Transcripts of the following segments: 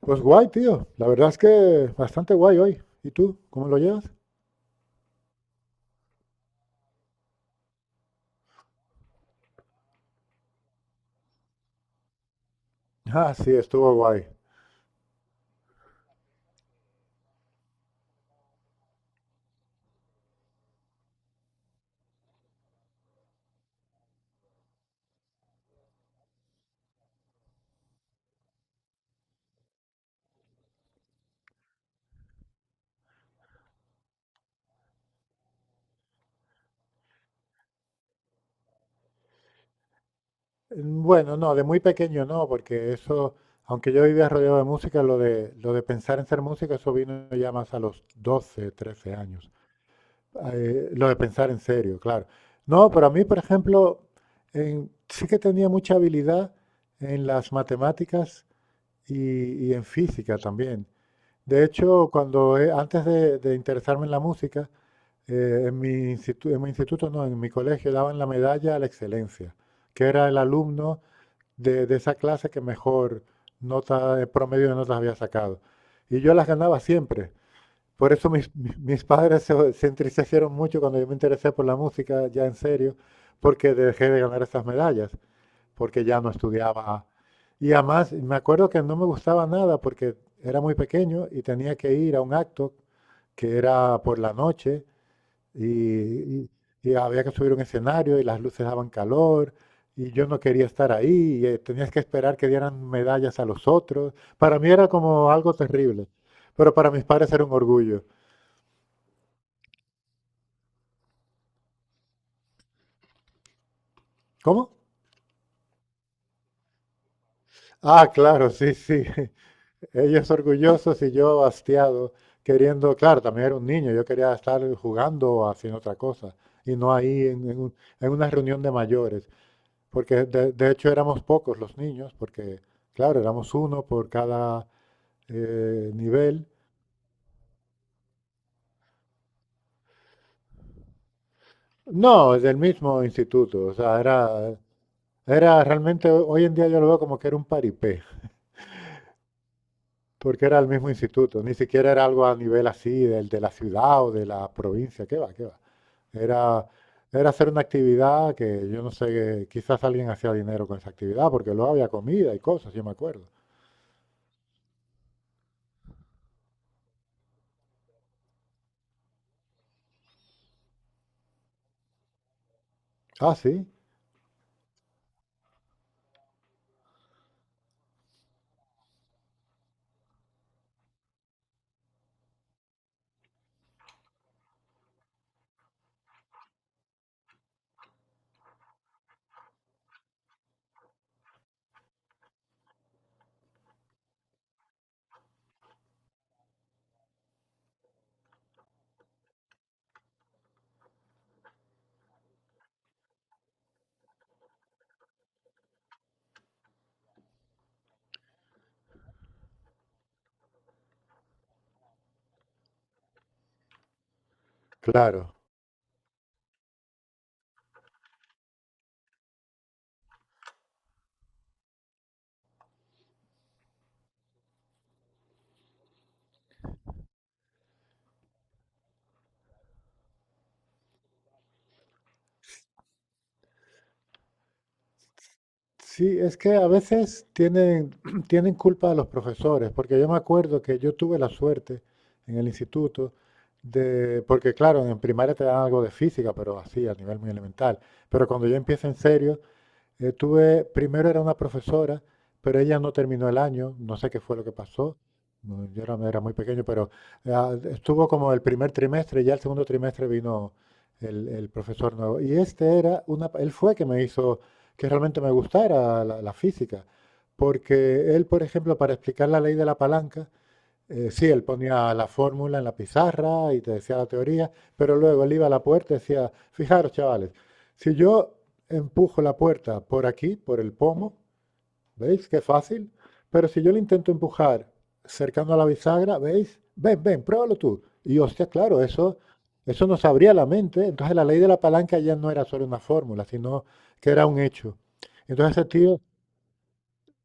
Pues guay, tío. La verdad es que bastante guay hoy. ¿Y tú? ¿Cómo lo llevas? Ah, sí, estuvo guay. Bueno, no, de muy pequeño no, porque eso, aunque yo vivía rodeado de música, lo de pensar en ser músico, eso vino ya más a los 12, 13 años. Lo de pensar en serio, claro. No, pero a mí, por ejemplo, sí que tenía mucha habilidad en las matemáticas y en física también. De hecho, cuando antes de interesarme en la música, en mi instituto no, en mi colegio daban la medalla a la excelencia, que era el alumno de esa clase que mejor nota, promedio de notas había sacado. Y yo las ganaba siempre. Por eso mis padres se entristecieron mucho cuando yo me interesé por la música, ya en serio, porque dejé de ganar esas medallas, porque ya no estudiaba. Y además, me acuerdo que no me gustaba nada porque era muy pequeño y tenía que ir a un acto que era por la noche y, y- y había que subir un escenario y las luces daban calor y yo no quería estar ahí y tenías que esperar que dieran medallas a los otros. Para mí era como algo terrible, pero para mis padres era un orgullo. ¿Cómo? Ah, claro, sí, sí. Ellos orgullosos y yo hastiado, queriendo, claro, también era un niño, yo quería estar jugando o haciendo otra cosa y no ahí en una reunión de mayores, porque de hecho éramos pocos los niños, porque claro, éramos uno por cada nivel. No, del mismo instituto, o sea, era realmente, hoy en día yo lo veo como que era un paripé, porque era el mismo instituto, ni siquiera era algo a nivel así del de la ciudad o de la provincia, qué va, qué va. Era, era hacer una actividad que yo no sé, quizás alguien hacía dinero con esa actividad, porque luego había comida y cosas, yo me acuerdo. Ah, sí, claro. Sí, es que a veces tienen, tienen culpa de los profesores, porque yo me acuerdo que yo tuve la suerte en el instituto de, porque claro, en primaria te dan algo de física, pero así, a nivel muy elemental, pero cuando yo empiezo en serio, tuve, primero era una profesora, pero ella no terminó el año, no sé qué fue lo que pasó, no, era muy pequeño, pero ah, estuvo como el primer trimestre, ya el segundo trimestre vino el profesor nuevo. Y este era una, él fue que me hizo que realmente me gustara la física, porque él, por ejemplo, para explicar la ley de la palanca, sí, él ponía la fórmula en la pizarra y te decía la teoría, pero luego él iba a la puerta y decía, fijaros, chavales, si yo empujo la puerta por aquí, por el pomo, ¿veis qué fácil? Pero si yo le intento empujar cercano a la bisagra, ¿veis? Ven, ven, pruébalo tú. Y hostia, claro, eso nos abría la mente. Entonces la ley de la palanca ya no era solo una fórmula, sino que era un hecho. Entonces ese tío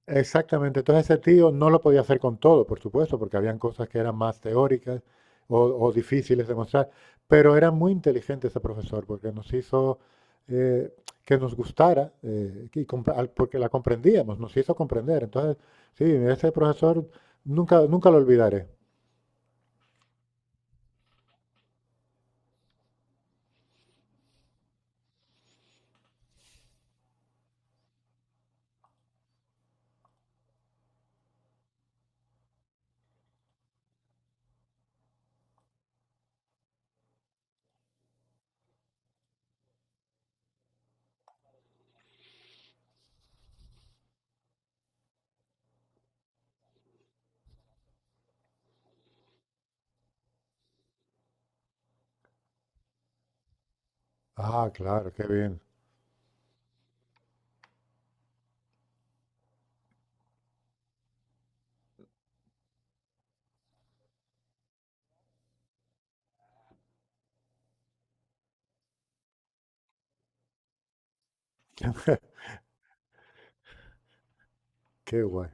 exactamente, entonces ese tío no lo podía hacer con todo, por supuesto, porque habían cosas que eran más teóricas o difíciles de mostrar, pero era muy inteligente ese profesor porque nos hizo eh, que nos gustara, que compre- al- porque la comprendíamos, nos hizo comprender. Entonces, sí, ese profesor nunca, nunca lo olvidaré. Ah, claro, qué bien, qué guay.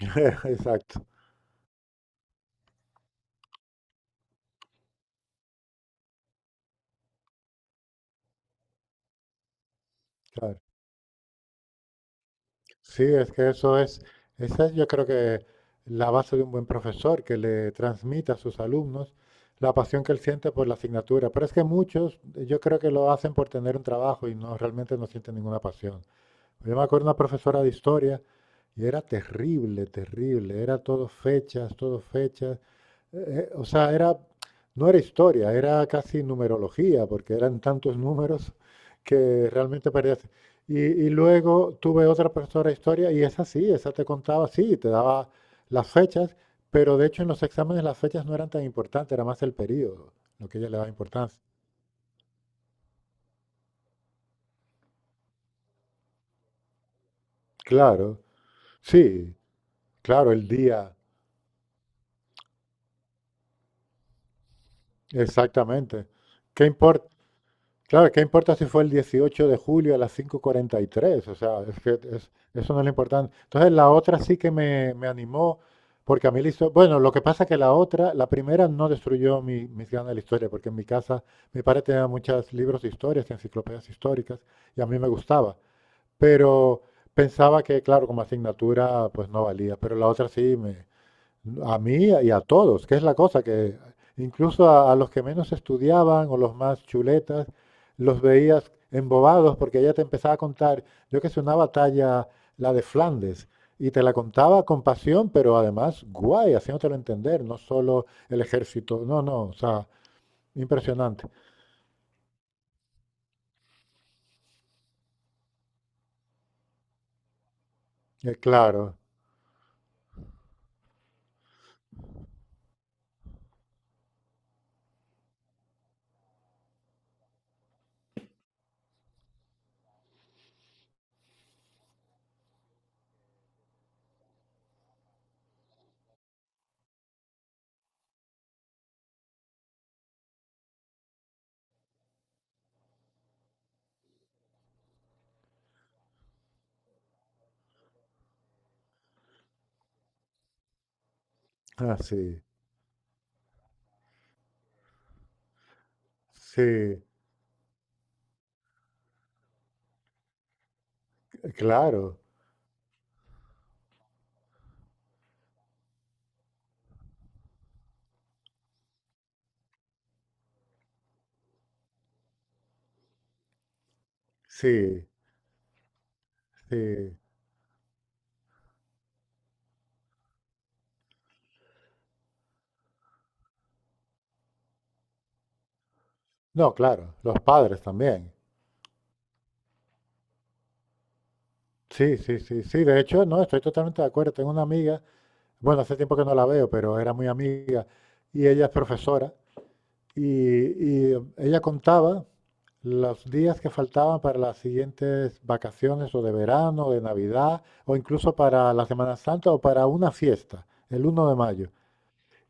Exacto, claro. Sí, es que eso es, esa es yo creo que la base de un buen profesor, que le transmita a sus alumnos la pasión que él siente por la asignatura. Pero es que muchos, yo creo que lo hacen por tener un trabajo y no realmente no sienten ninguna pasión. Yo me acuerdo de una profesora de historia y era terrible, terrible. Era todo fechas, todo fechas. O sea, era, no era historia, era casi numerología, porque eran tantos números que realmente parecía... Y, y luego tuve otra profesora de historia y esa sí, esa te contaba, sí, te daba las fechas, pero de hecho en los exámenes las fechas no eran tan importantes, era más el periodo, lo que ella le daba importancia. Claro, sí, claro, el día, exactamente. ¿Qué importa? Claro, ¿qué importa si fue el 18 de julio a las 5:43? O sea, eso no es lo importante. Entonces, la otra sí que me animó, porque a mí bueno, lo que pasa es que la otra, la primera no destruyó mis ganas de la historia, porque en mi casa mi padre tenía muchos libros de historias, enciclopedias históricas, y a mí me gustaba. Pero pensaba que, claro, como asignatura, pues no valía. Pero la otra sí me, a mí y a todos, que es la cosa que incluso a los que menos estudiaban o los más chuletas, los veías embobados porque ella te empezaba a contar, yo que sé, una batalla, la de Flandes, y te la contaba con pasión, pero además guay, haciéndotelo entender, no solo el ejército, no, no, o sea, impresionante. Eh, claro, ah, sí, sí, claro, sí, sí. No, claro, los padres también. Sí, sí, sí, sí. De hecho, no, estoy totalmente de acuerdo. Tengo una amiga, bueno, hace tiempo que no la veo, pero era muy amiga y ella es profesora y ella contaba los días que faltaban para las siguientes vacaciones o de verano, de Navidad o incluso para la Semana Santa o para una fiesta, el 1 de mayo.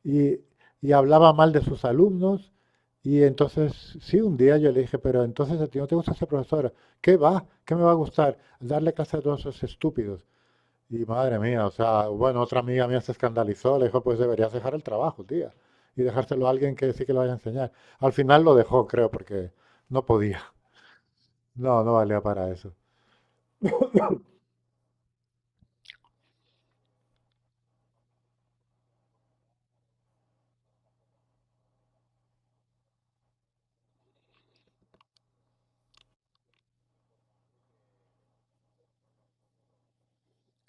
Y, y hablaba mal de sus alumnos y entonces, sí, un día yo le dije, pero entonces a ti no te gusta ser profesora. ¿Qué va? ¿Qué me va a gustar? Darle clase a todos esos estúpidos. Y madre mía, o sea, bueno, otra amiga mía se escandalizó, le dijo, pues deberías dejar el trabajo, tía, y dejárselo a alguien que sí que lo vaya a enseñar. Al final lo dejó, creo, porque no podía. No, no valía para eso.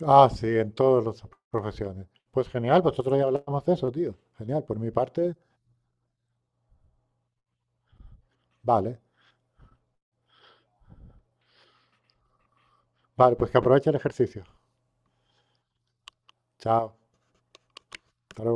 Ah, sí, en todas las profesiones. Pues genial, vosotros ya hablamos de eso, tío. Genial, por mi parte, vale. Vale, pues que aproveche el ejercicio. Chao. Hasta luego.